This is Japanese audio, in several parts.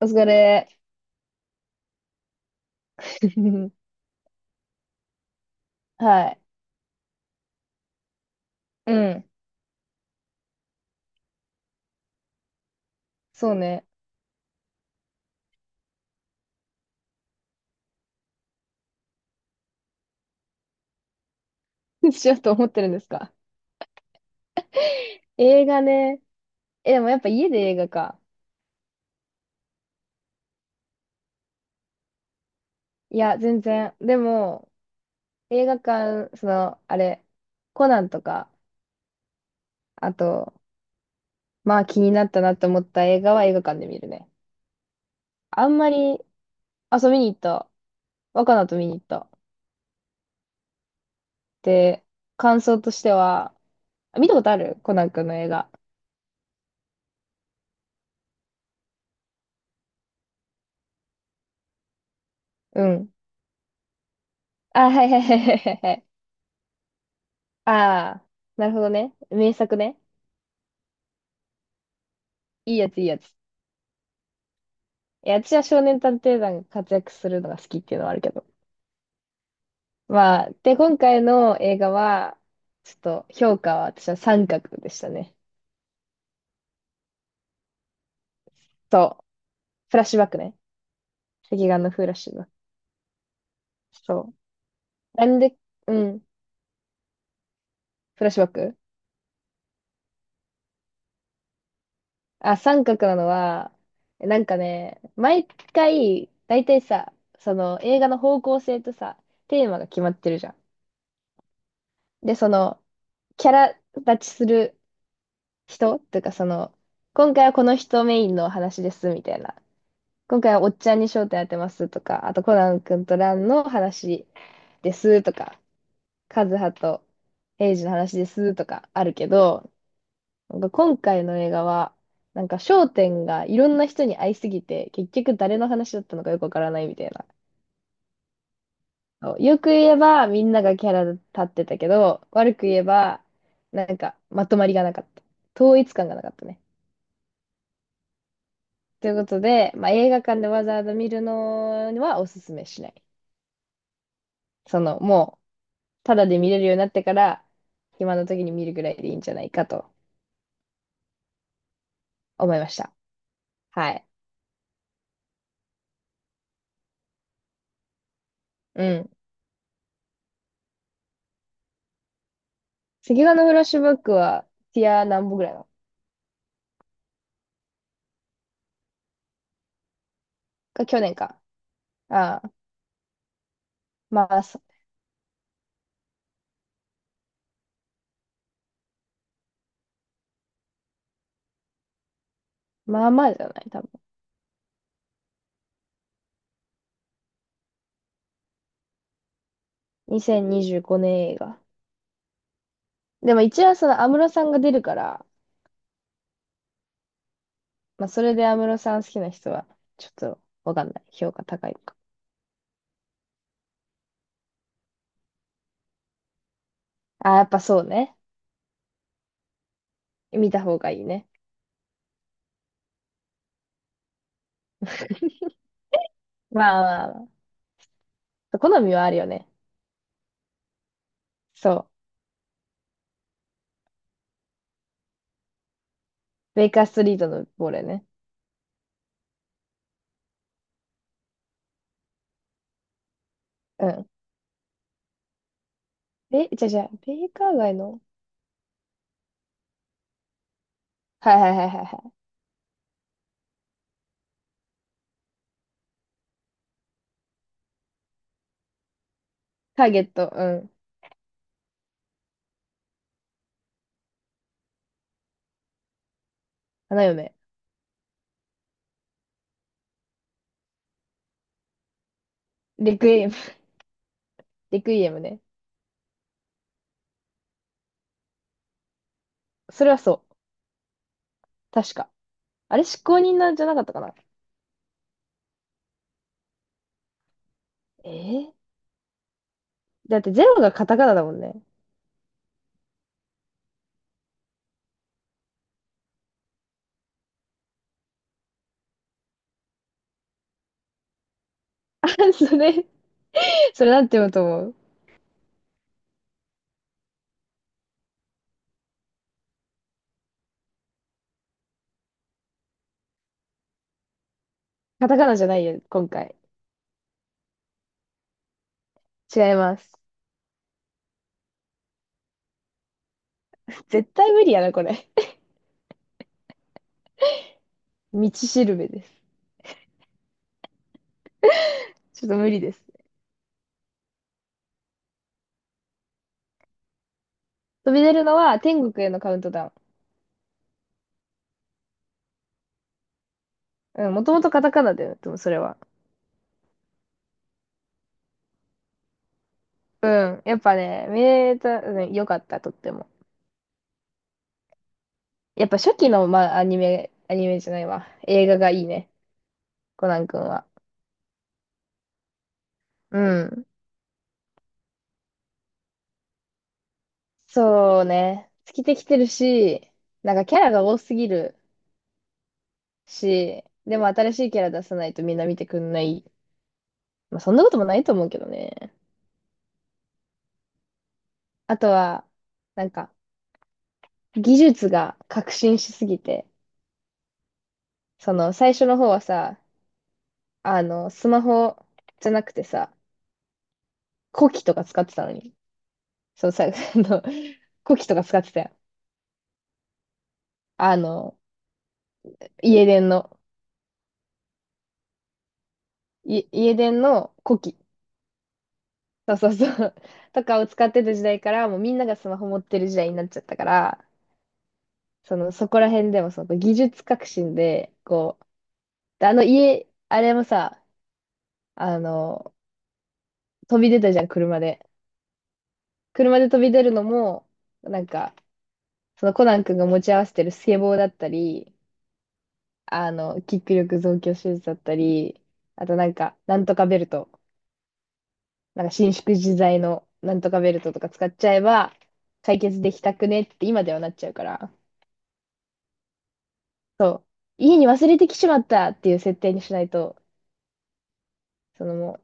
お疲れ。はい。うん。そうね。しようと思ってるんですか？映画ね。え、でもやっぱ家で映画か。いや、全然。でも、映画館、その、あれ、コナンとか、あと、まあ気になったなと思った映画は映画館で見るね。あんまり、あ、そう見に行った。若菜と見に行った。で、感想としては、あ見たことあるコナン君の映画。うん。あ、はいはいはいはいはいはい。ああ、なるほどね。名作ね。いいやつ、いいやつ。いや、私は少年探偵団が活躍するのが好きっていうのはあるけど。まあ、で、今回の映画は、ちょっと評価は私は三角でしたね。そう。フラッシュバックね。赤眼のフラッシュバック。そう。なんで、うん。フラッシュバック。あ、三角なのは、なんかね、毎回、だいたいさ、その映画の方向性とさ、テーマが決まってるじゃん。で、キャラ立ちする人っていうか今回はこの人メインの話ですみたいな。今回はおっちゃんに焦点当てますとか、あとコナン君とランの話ですとか、カズハとエイジの話ですとかあるけど、なんか今回の映画は、なんか焦点がいろんな人に合いすぎて、結局誰の話だったのかよくわからないみたいな。そう、よく言えばみんながキャラ立ってたけど、悪く言えばなんかまとまりがなかった。統一感がなかったね。ということで、まあ、映画館でわざわざ見るのはおすすめしない。もう、ただで見れるようになってから、暇な時に見るぐらいでいいんじゃないかと思いました。はい。うん。赤眼のフラッシュバックは、ティア何本ぐらいなのか、去年か。ああ、まあ、まあまあじゃない、多分。2025年映画。でも一応その安室さんが出るから、まあそれで安室さん好きな人は、ちょっとわかんない。評価高いのか。ああ、やっぱそうね。見た方がいいね。まあまあまあ。好みはあるよね。そう。ベイカーストリートのボールね。うん。え、じゃ、ベイカー街の。はいはいはいはいはい。ターゲット、うん。花嫁。レクイエム。レクイエムね。それはそう。確か。あれ、執行人なんじゃなかったかな？えーだってゼロがカタカナだもんね。あ、それなんて読むと思う？カタカナじゃないよ、今回。違います。絶対無理やな、これ。道しるべです。ちょっと無理です。飛び出るのは天国へのカウントダウン。うん、もともとカタカナだよね、でもそれは。うん。やっぱね、見れた、うん、よかった、とっても。やっぱ初期の、まあ、アニメ、アニメじゃないわ。映画がいいね。コナン君は。うん。そうね。尽きてきてるし、なんかキャラが多すぎるし、でも新しいキャラ出さないとみんな見てくんない。まあ、そんなこともないと思うけどね。あとは、なんか、技術が革新しすぎて、最初の方はさ、スマホじゃなくてさ、コキとか使ってたのに。そうさ、あの、コキとか使ってたよ。あの、家電の、家電のコキ。そうそうそう。とかを使ってた時代から、もうみんながスマホ持ってる時代になっちゃったから、そこら辺でもその技術革新で、こう、であの家、あれもさ、あの、飛び出たじゃん、車で。車で飛び出るのも、なんか、そのコナン君が持ち合わせてるスケボーだったり、キック力増強手術だったり、あとなんか、なんとかベルト。なんか伸縮自在のなんとかベルトとか使っちゃえば解決できたくねって今ではなっちゃうから、そう、家に忘れてきちまったっていう設定にしないと、も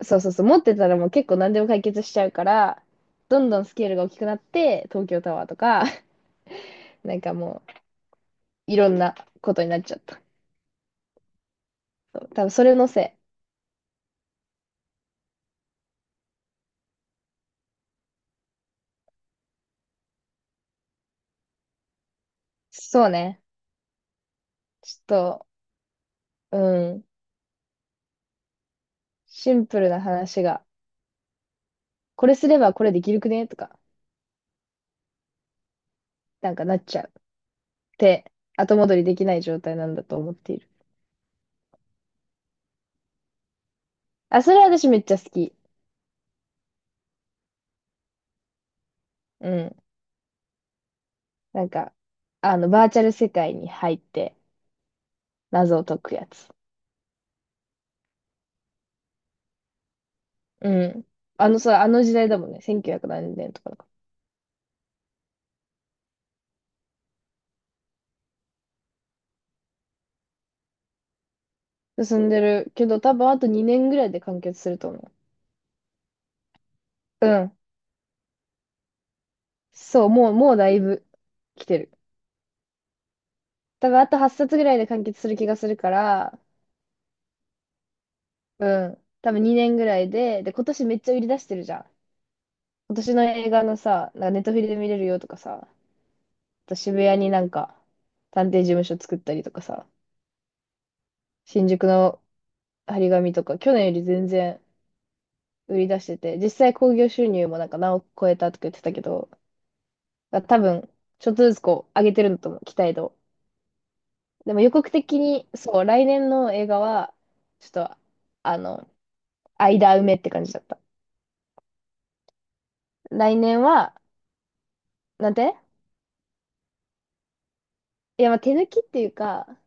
う、そうそうそう、持ってたらもう結構何でも解決しちゃうから、どんどんスケールが大きくなって、東京タワーとか、なんかもういろんなことになっちゃった。そう、多分それのせい。そうね。ちょっと、うん、シンプルな話が、これすればこれできるくねとか、なんかなっちゃう。後戻りできない状態なんだと思っている。あ、それは私めっちゃ好き。うん。なんか、バーチャル世界に入って謎を解くやつ。うん。さ、あの時代だもんね。1900何年とかだから進んでるけど、多分あと2年ぐらいで完結すると思う。うん。そう、もうだいぶ来てる。多分あと8冊ぐらいで完結する気がするから、うん。多分2年ぐらいで、で、今年めっちゃ売り出してるじゃん。今年の映画のさ、なんかネットフリで見れるよとかさ、と渋谷になんか、探偵事務所作ったりとかさ、新宿の張り紙とか、去年より全然売り出してて、実際興行収入もなんか何億超えたとか言ってたけど、多分、ちょっとずつこう、上げてるんだと思う、期待度。でも予告的に、そう、来年の映画は、ちょっと、あの、間埋めって感じだった。来年は、なんて、いや、まあ、手抜きっていうか、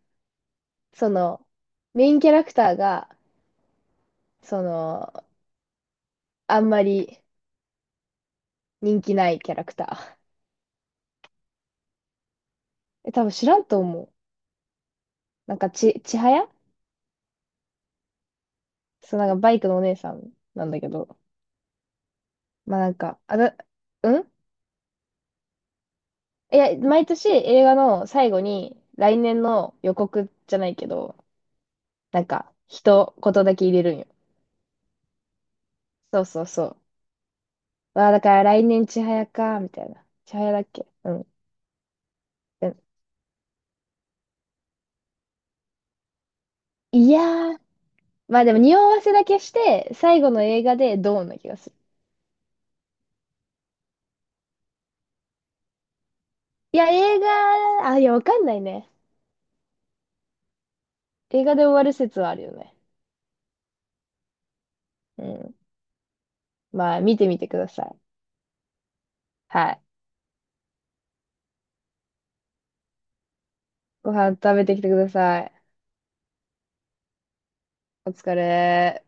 その、メインキャラクターが、その、あんまり人気ないキャラクター。え、多分知らんと思う。なんかちはや、そう、なんかバイクのお姉さんなんだけど。まあなんか、うん、いや、毎年映画の最後に来年の予告じゃないけど、なんか、一言だけ入れるんよ。そうそうそう。わあ、だから来年ちはやか、みたいな。ちはやだっけ。うん。うん、いやー、まあでも匂わせだけして、最後の映画でドーンな気がする。いや、映画、あ、いや、わかんないね。映画で終わる説はあるよね。うん。まあ、見てみてください。はい。ご飯食べてきてください。お疲れ。